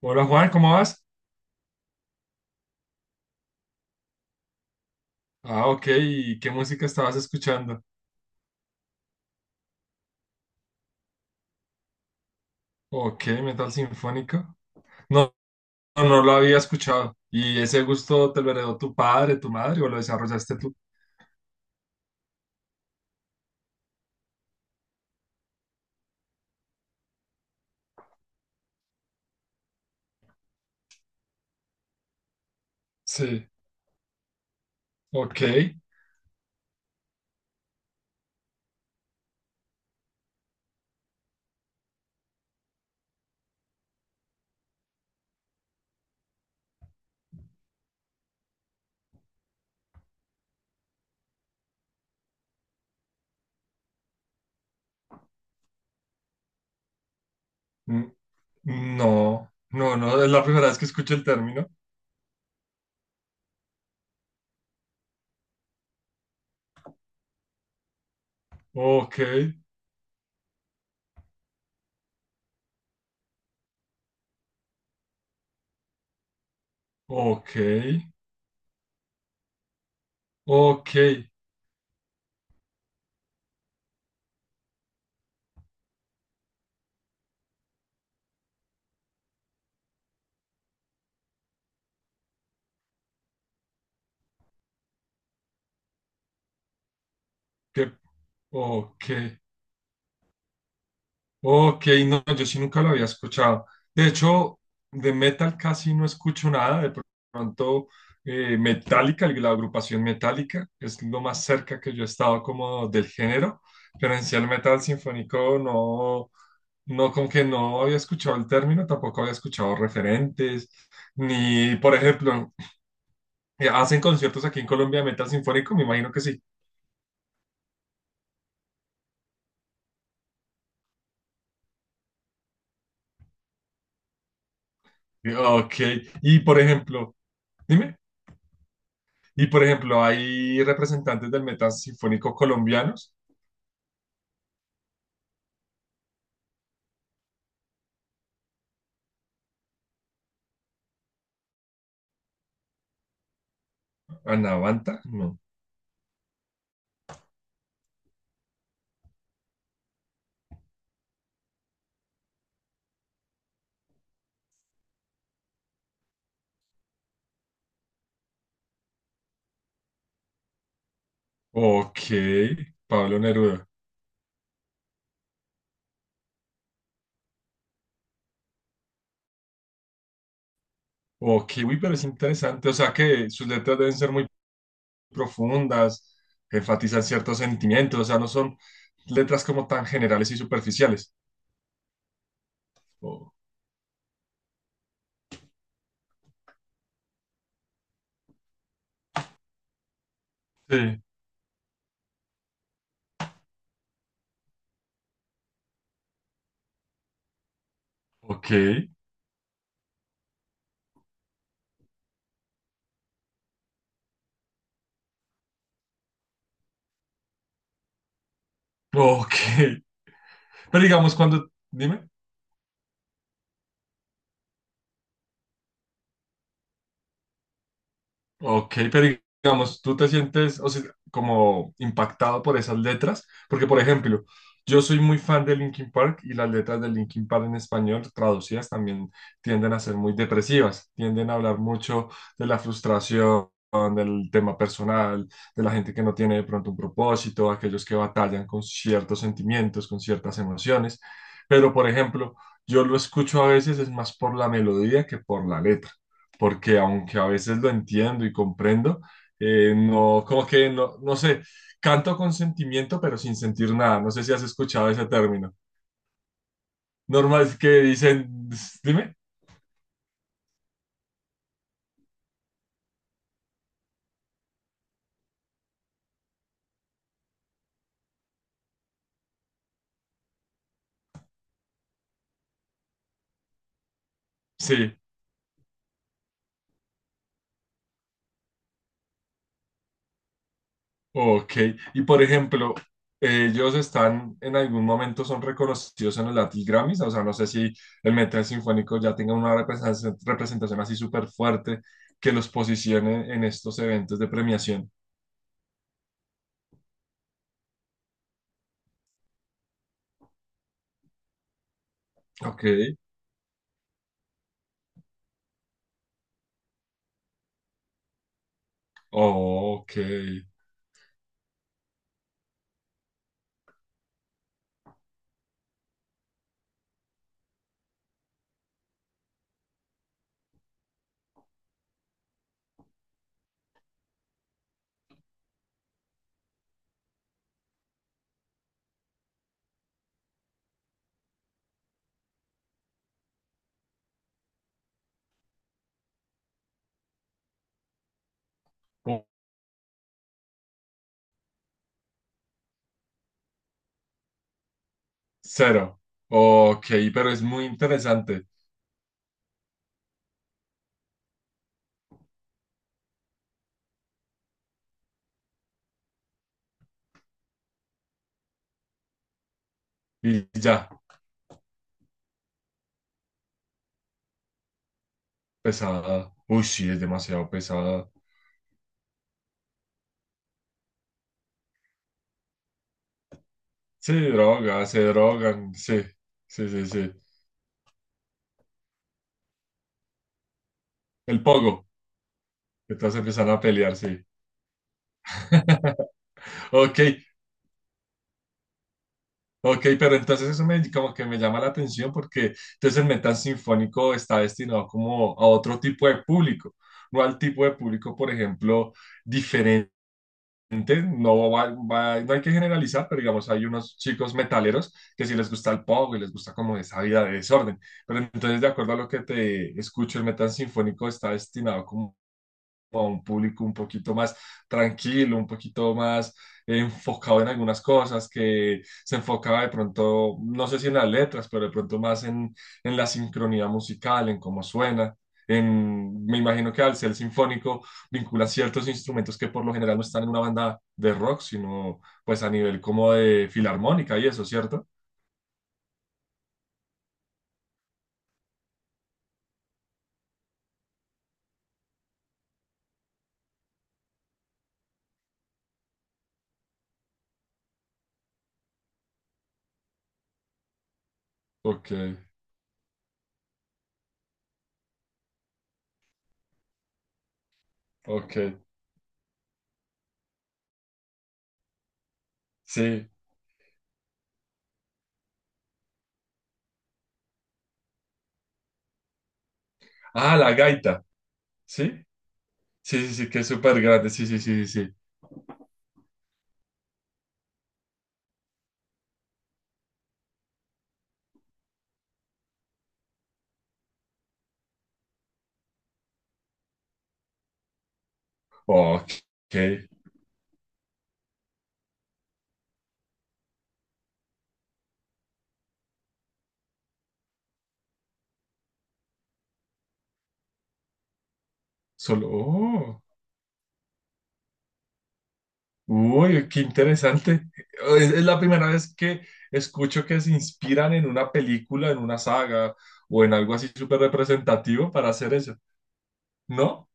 Hola Juan, ¿cómo vas? Ah, ok, ¿y qué música estabas escuchando? Ok, metal sinfónico. No, no, no lo había escuchado. ¿Y ese gusto te lo heredó tu padre, tu madre o lo desarrollaste tú? Sí, ok. N- No, no, no, es la primera vez que escucho el término. Ok, ok, ok, que, ok. Ok, no, yo sí nunca lo había escuchado. De hecho, de metal casi no escucho nada. De pronto, Metallica, la agrupación Metallica, es lo más cerca que yo he estado como del género. Pero en sí el metal sinfónico no, no, como que no había escuchado el término, tampoco había escuchado referentes, ni, por ejemplo, hacen conciertos aquí en Colombia de metal sinfónico, me imagino que sí. Ok, y por ejemplo, dime. Y por ejemplo, hay representantes del metal sinfónico colombianos. Anavanta, no. Ok, Pablo Neruda. Ok, uy, pero es interesante. O sea que sus letras deben ser muy profundas, enfatizan ciertos sentimientos, o sea, no son letras como tan generales y superficiales. Oh, sí, ok, ok. Pero digamos, cuando, dime. Ok, pero digamos, tú te sientes, o sea, como impactado por esas letras, porque por ejemplo, yo soy muy fan de Linkin Park y las letras de Linkin Park en español traducidas también tienden a ser muy depresivas, tienden a hablar mucho de la frustración, del tema personal, de la gente que no tiene de pronto un propósito, aquellos que batallan con ciertos sentimientos, con ciertas emociones, pero por ejemplo, yo lo escucho a veces es más por la melodía que por la letra porque aunque a veces lo entiendo y comprendo, no, como que no, no sé, canto con sentimiento, pero sin sentir nada. No sé si has escuchado ese término. Normal es que dicen, dime. Sí, ok. Y por ejemplo, ellos están en algún momento son reconocidos en los Latin Grammys, o sea, no sé si el metal sinfónico ya tenga una representación así súper fuerte que los posicione en estos eventos de premiación. Ok, ok. Cero. Ok, pero es muy interesante. Y ya, pesada. Uy, sí, es demasiado pesada. Sí, droga, se drogan. Sí, sí, sí, sí. El pogo. Entonces empiezan a pelear, sí. Ok, ok, pero entonces eso me, como que me llama la atención porque entonces el metal sinfónico está destinado como a otro tipo de público, no al tipo de público, por ejemplo, gente. No, no hay que generalizar, pero digamos, hay unos chicos metaleros que sí les gusta el pop y les gusta como esa vida de desorden. Pero entonces, de acuerdo a lo que te escucho, el metal sinfónico está destinado como a un público un poquito más tranquilo, un poquito más enfocado en algunas cosas, que se enfocaba de pronto, no sé si en las letras, pero de pronto más en la sincronía musical, en cómo suena. En, me imagino que al ser sinfónico vincula ciertos instrumentos que por lo general no están en una banda de rock, sino pues a nivel como de filarmónica y eso, ¿cierto? Ok, ok, sí. Ah, la gaita, ¿sí? Sí, sí, sí, que es súper grande, sí, sí, sí, sí. Sí. Ok, solo. Oh, uy, qué interesante. Es la primera vez que escucho que se inspiran en una película, en una saga o en algo así súper representativo para hacer eso, ¿no?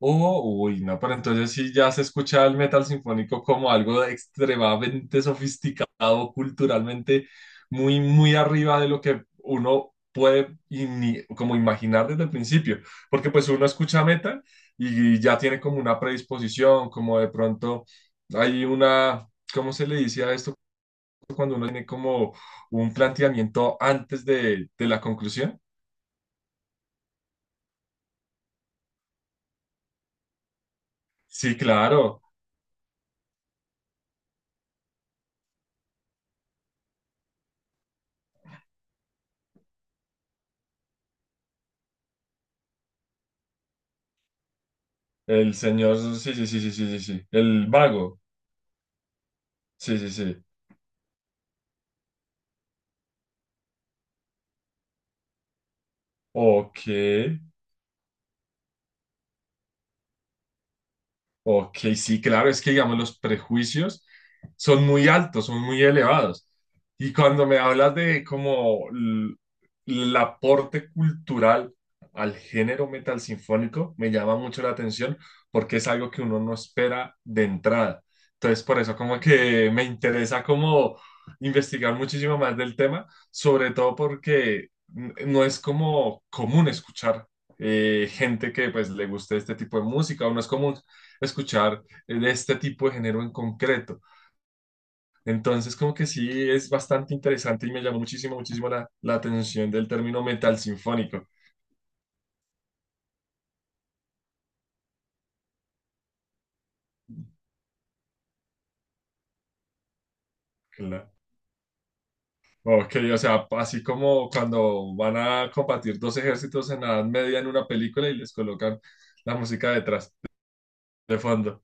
Oh, uy, no, pero entonces sí ya se escucha el metal sinfónico como algo de extremadamente sofisticado culturalmente, muy, muy arriba de lo que uno puede y como imaginar desde el principio, porque pues uno escucha metal y ya tiene como una predisposición, como de pronto hay una, ¿cómo se le dice a esto cuando uno tiene como un planteamiento antes de la conclusión? Sí, claro, el señor, sí, sí, sí, sí, sí, sí, sí, el mago. Sí, sí, sí. Ok. Ok, sí, claro, es que digamos los prejuicios son muy altos, son muy elevados. Y cuando me hablas de como el aporte cultural al género metal sinfónico, me llama mucho la atención porque es algo que uno no espera de entrada. Entonces, por eso como que me interesa como investigar muchísimo más del tema, sobre todo porque no es como común escuchar gente que pues le guste este tipo de música, o no es común escuchar de este tipo de género en concreto. Entonces, como que sí, es bastante interesante y me llamó muchísimo, muchísimo la, la atención del término metal sinfónico. Claro. Ok, o sea, así como cuando van a combatir dos ejércitos en la Edad Media en una película y les colocan la música detrás, de fondo.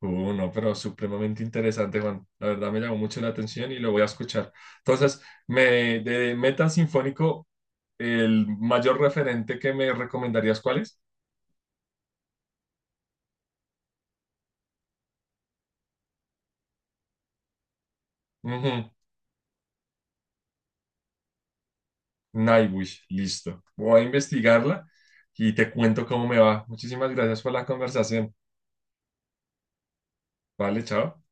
No, pero supremamente interesante, Juan. La verdad me llamó mucho la atención y lo voy a escuchar. Entonces, me, de metal sinfónico, el mayor referente que me recomendarías, ¿cuál es? Ujú, Nightwish, listo. Voy a investigarla y te cuento cómo me va. Muchísimas gracias por la conversación. Vale, chao.